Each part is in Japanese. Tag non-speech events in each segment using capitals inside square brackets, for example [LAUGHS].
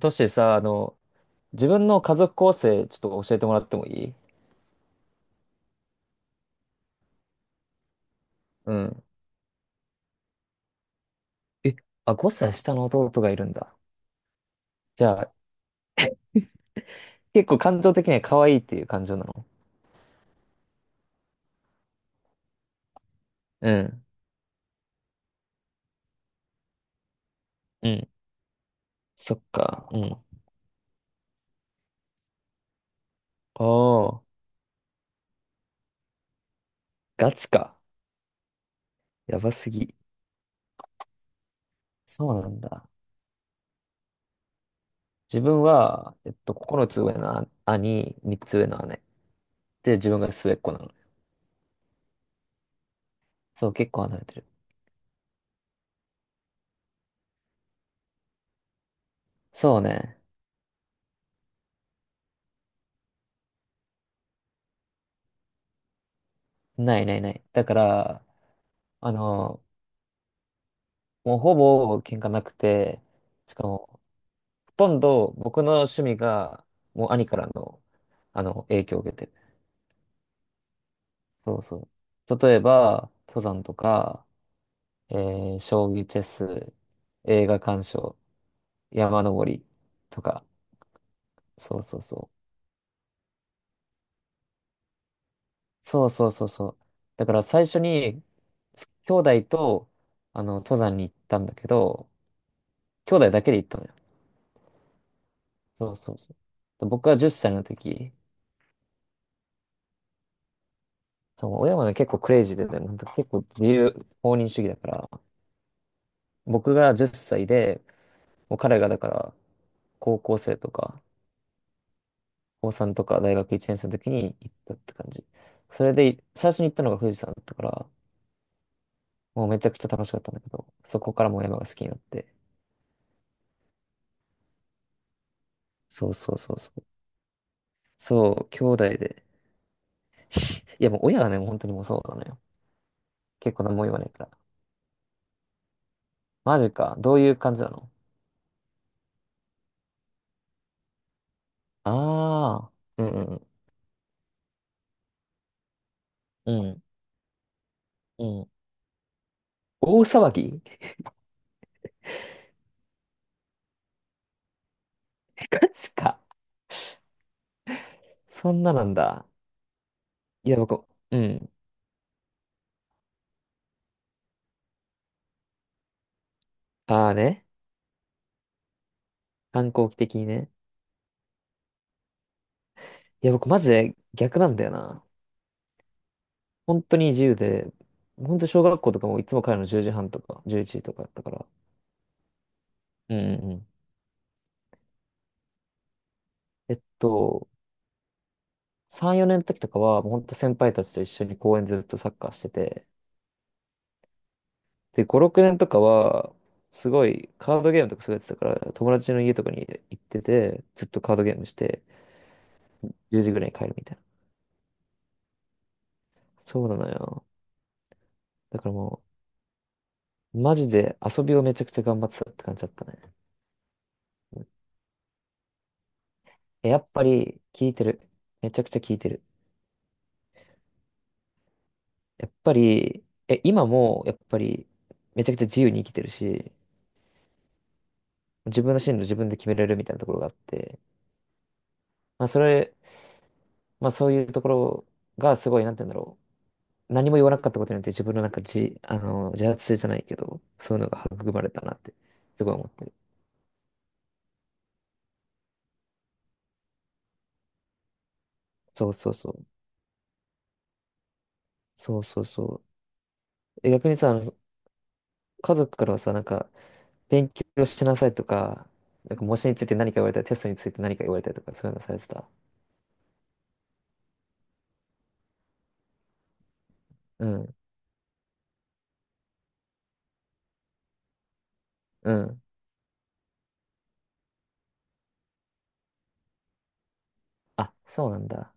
トシさ、自分の家族構成、ちょっと教えてもらってもいい？うん。え、あ、5歳下の弟がいるんだ。じゃあ、結構感情的には可愛いっていう感情なの？うん。うん。そっか。うん。おー、ガチか。やばすぎ。そうなんだ。自分は、9つ上の兄、3つ上の姉。で、自分が末っ子なの。そう、結構離れてる。そうね。ないないない。だから、あの、もうほぼ喧嘩なくて、しかも、ほとんど僕の趣味が、もう兄からの、影響を受けてる。そうそう。例えば、登山とか、将棋、チェス、映画鑑賞、山登りとか、そうそうそう。そうそうそうそう。だから最初に、兄弟と、登山に行ったんだけど、兄弟だけで行ったのよ。そうそうそう。で僕が10歳の時、そう、親はね、結構クレイジーでね、なんか結構自由、放任主義だから、僕が10歳で、もう彼がだから、高校生とか、高3とか大学1年生の時に行ったって感じ。それで、最初に行ったのが富士山だったから、もうめちゃくちゃ楽しかったんだけど、そこからもう山が好きになって。そうそうそうそう。そう、兄弟で。[LAUGHS] いやもう親がね、もう本当にもうそうなのよ。結構何も言わないから。マジか。どういう感じなの？ああー、うんうんうん。うんうん。大騒ぎ？ [LAUGHS] ガチか。そんななんだ。いや、僕、うん。ああね。反抗期的にね。いや、僕マジで逆なんだよな。本当に自由で、本当小学校とかもいつも帰るの10時半とか、11時とかだったから。うんうんうん。えっと、3、4年の時とかは、もう本当先輩たちと一緒に公園ずっとサッカーしてて、で、5、6年とかは、すごいカードゲームとかすごいやってたから、友達の家とかに行ってて、ずっとカードゲームして、10時ぐらいに帰るみたいな。そうなのよ。だからもう、マジで遊びをめちゃくちゃ頑張ってたって感じだったね。やっぱり、聞いてる。めちゃくちゃ聞いてる。やっぱり、今もやっぱりめちゃくちゃ自由に生きてるし、自分の進路自分で決めれるみたいなところがあって、まあそれ、まあそういうところがすごい、なんて言うんだろう。何も言わなかったことによって自分のなんか自発性じゃないけど、そういうのが育まれたなってすごい思ってる。そうそうそう。そうそうそう。え、逆にさ、家族からはさ、なんか、勉強しなさいとか、なんか模試について何か言われたり、テストについて何か言われたりとか、そういうのされてた？うん、うん。あ、そうなんだ。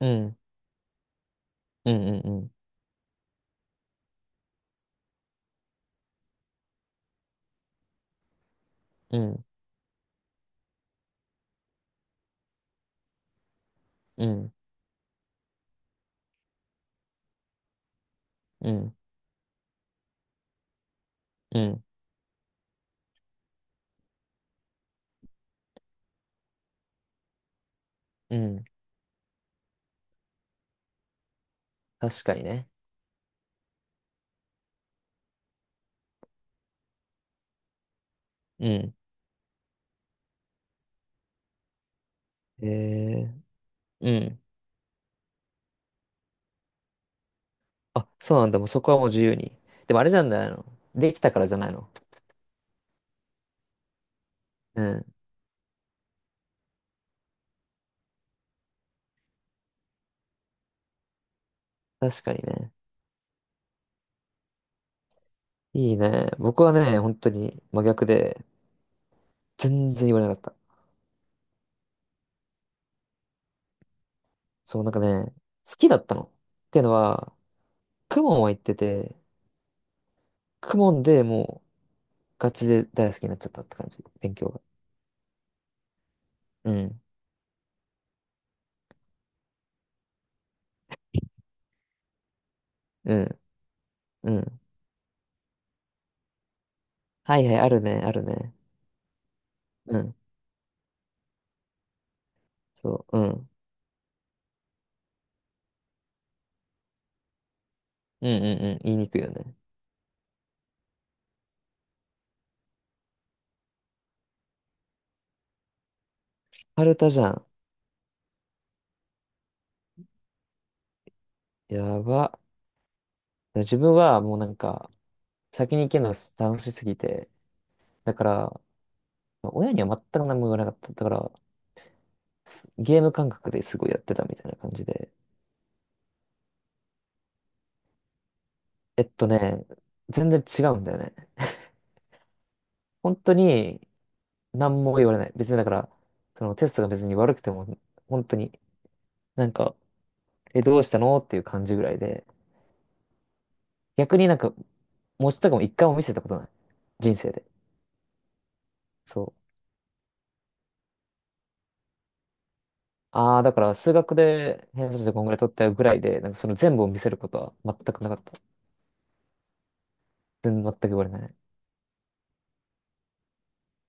うん。うんうんうん。うんうんうんうん。確かにね。うん。ええうん。あ、そうなんだ。もうそこはもう自由に。でもあれじゃないの？できたからじゃないの？うん。確かにね。いいね。僕はね、本当に真逆で、全然言われなかった。そう、なんかね、好きだったの。っていうのは、クモンは行ってて、クモンでもうガチで大好きになっちゃったって感じ。勉強が。うん。うん。うん。はいはい、あるね、あるね。うん。そう、うん。うんうんうん。言いにくいよね。カルタじゃん。やば。自分はもうなんか、先に行けるのが楽しすぎて、だから、親には全く何も言わなかった。だから、ゲーム感覚ですごいやってたみたいな感じで。えっとね、全然違うんだよね。本当に何も言われない。別にだから、そのテストが別に悪くても、本当になんか、え、どうしたのっていう感じぐらいで、逆になんか、文字とかも一回も見せたことない。人生で。そう。ああ、だから数学で偏差値でこんぐらい取ったよぐらいで、なんかその全部を見せることは全くなかった。全く言われない。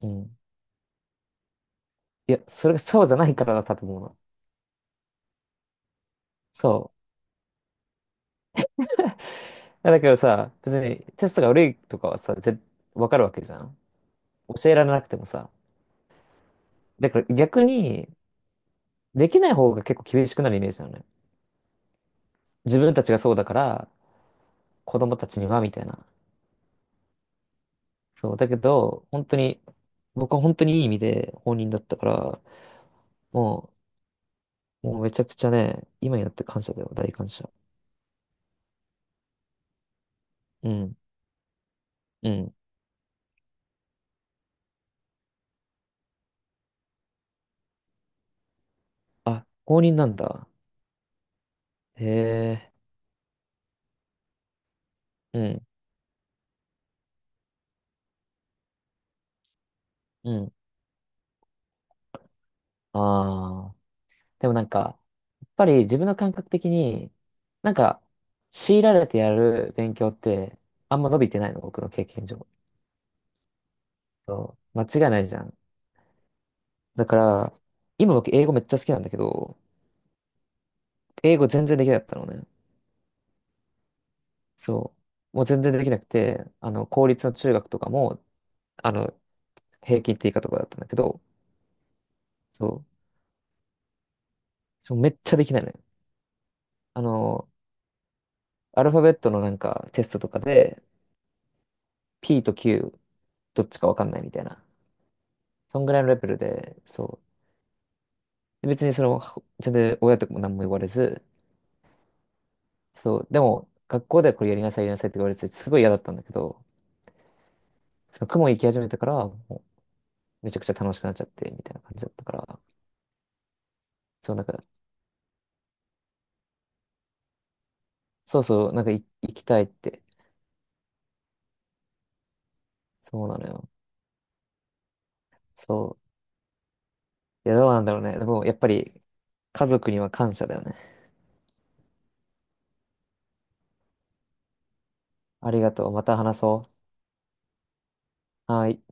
うん。いや、それがそうじゃないからだったと思うの。そう。いやだけどさ、別にテストが悪いとかはさ、わかるわけじゃん。教えられなくてもさ。だから逆に、できない方が結構厳しくなるイメージなのね。自分たちがそうだから、子供たちには、みたいな。そう。だけど、本当に、僕は本当にいい意味で放任だったから、もう、もうめちゃくちゃね、今になって感謝だよ、大感謝。うん、うん。あ、公認なんだ。へえ、うん、うん。ああ。でもなんか、やっぱり自分の感覚的に、なんか、強いられてやる勉強って、あんま伸びてないの、僕の経験上。そう、間違いないじゃん。だから、今僕英語めっちゃ好きなんだけど、英語全然できなかったのね。そう。もう全然できなくて、公立の中学とかも、あの、平均って以下とかだったんだけど、そう。そうめっちゃできないのよ。あの、アルファベットのなんかテストとかで、P と Q どっちかわかんないみたいな。そんぐらいのレベルで、そう。で別にその、全然親とかも何も言われず、そう。でも、学校ではこれやりなさい、やりなさいって言われてすごい嫌だったんだけど、その雲行き始めてから、もうめちゃくちゃ楽しくなっちゃって、みたいな感じだったから、そう、なんか、そうそう、なんかい行きたいって、そうなのよ。そう。いや、どうなんだろうね。でも、やっぱり、家族には感謝だよね。ありがとう。また話そう。はい。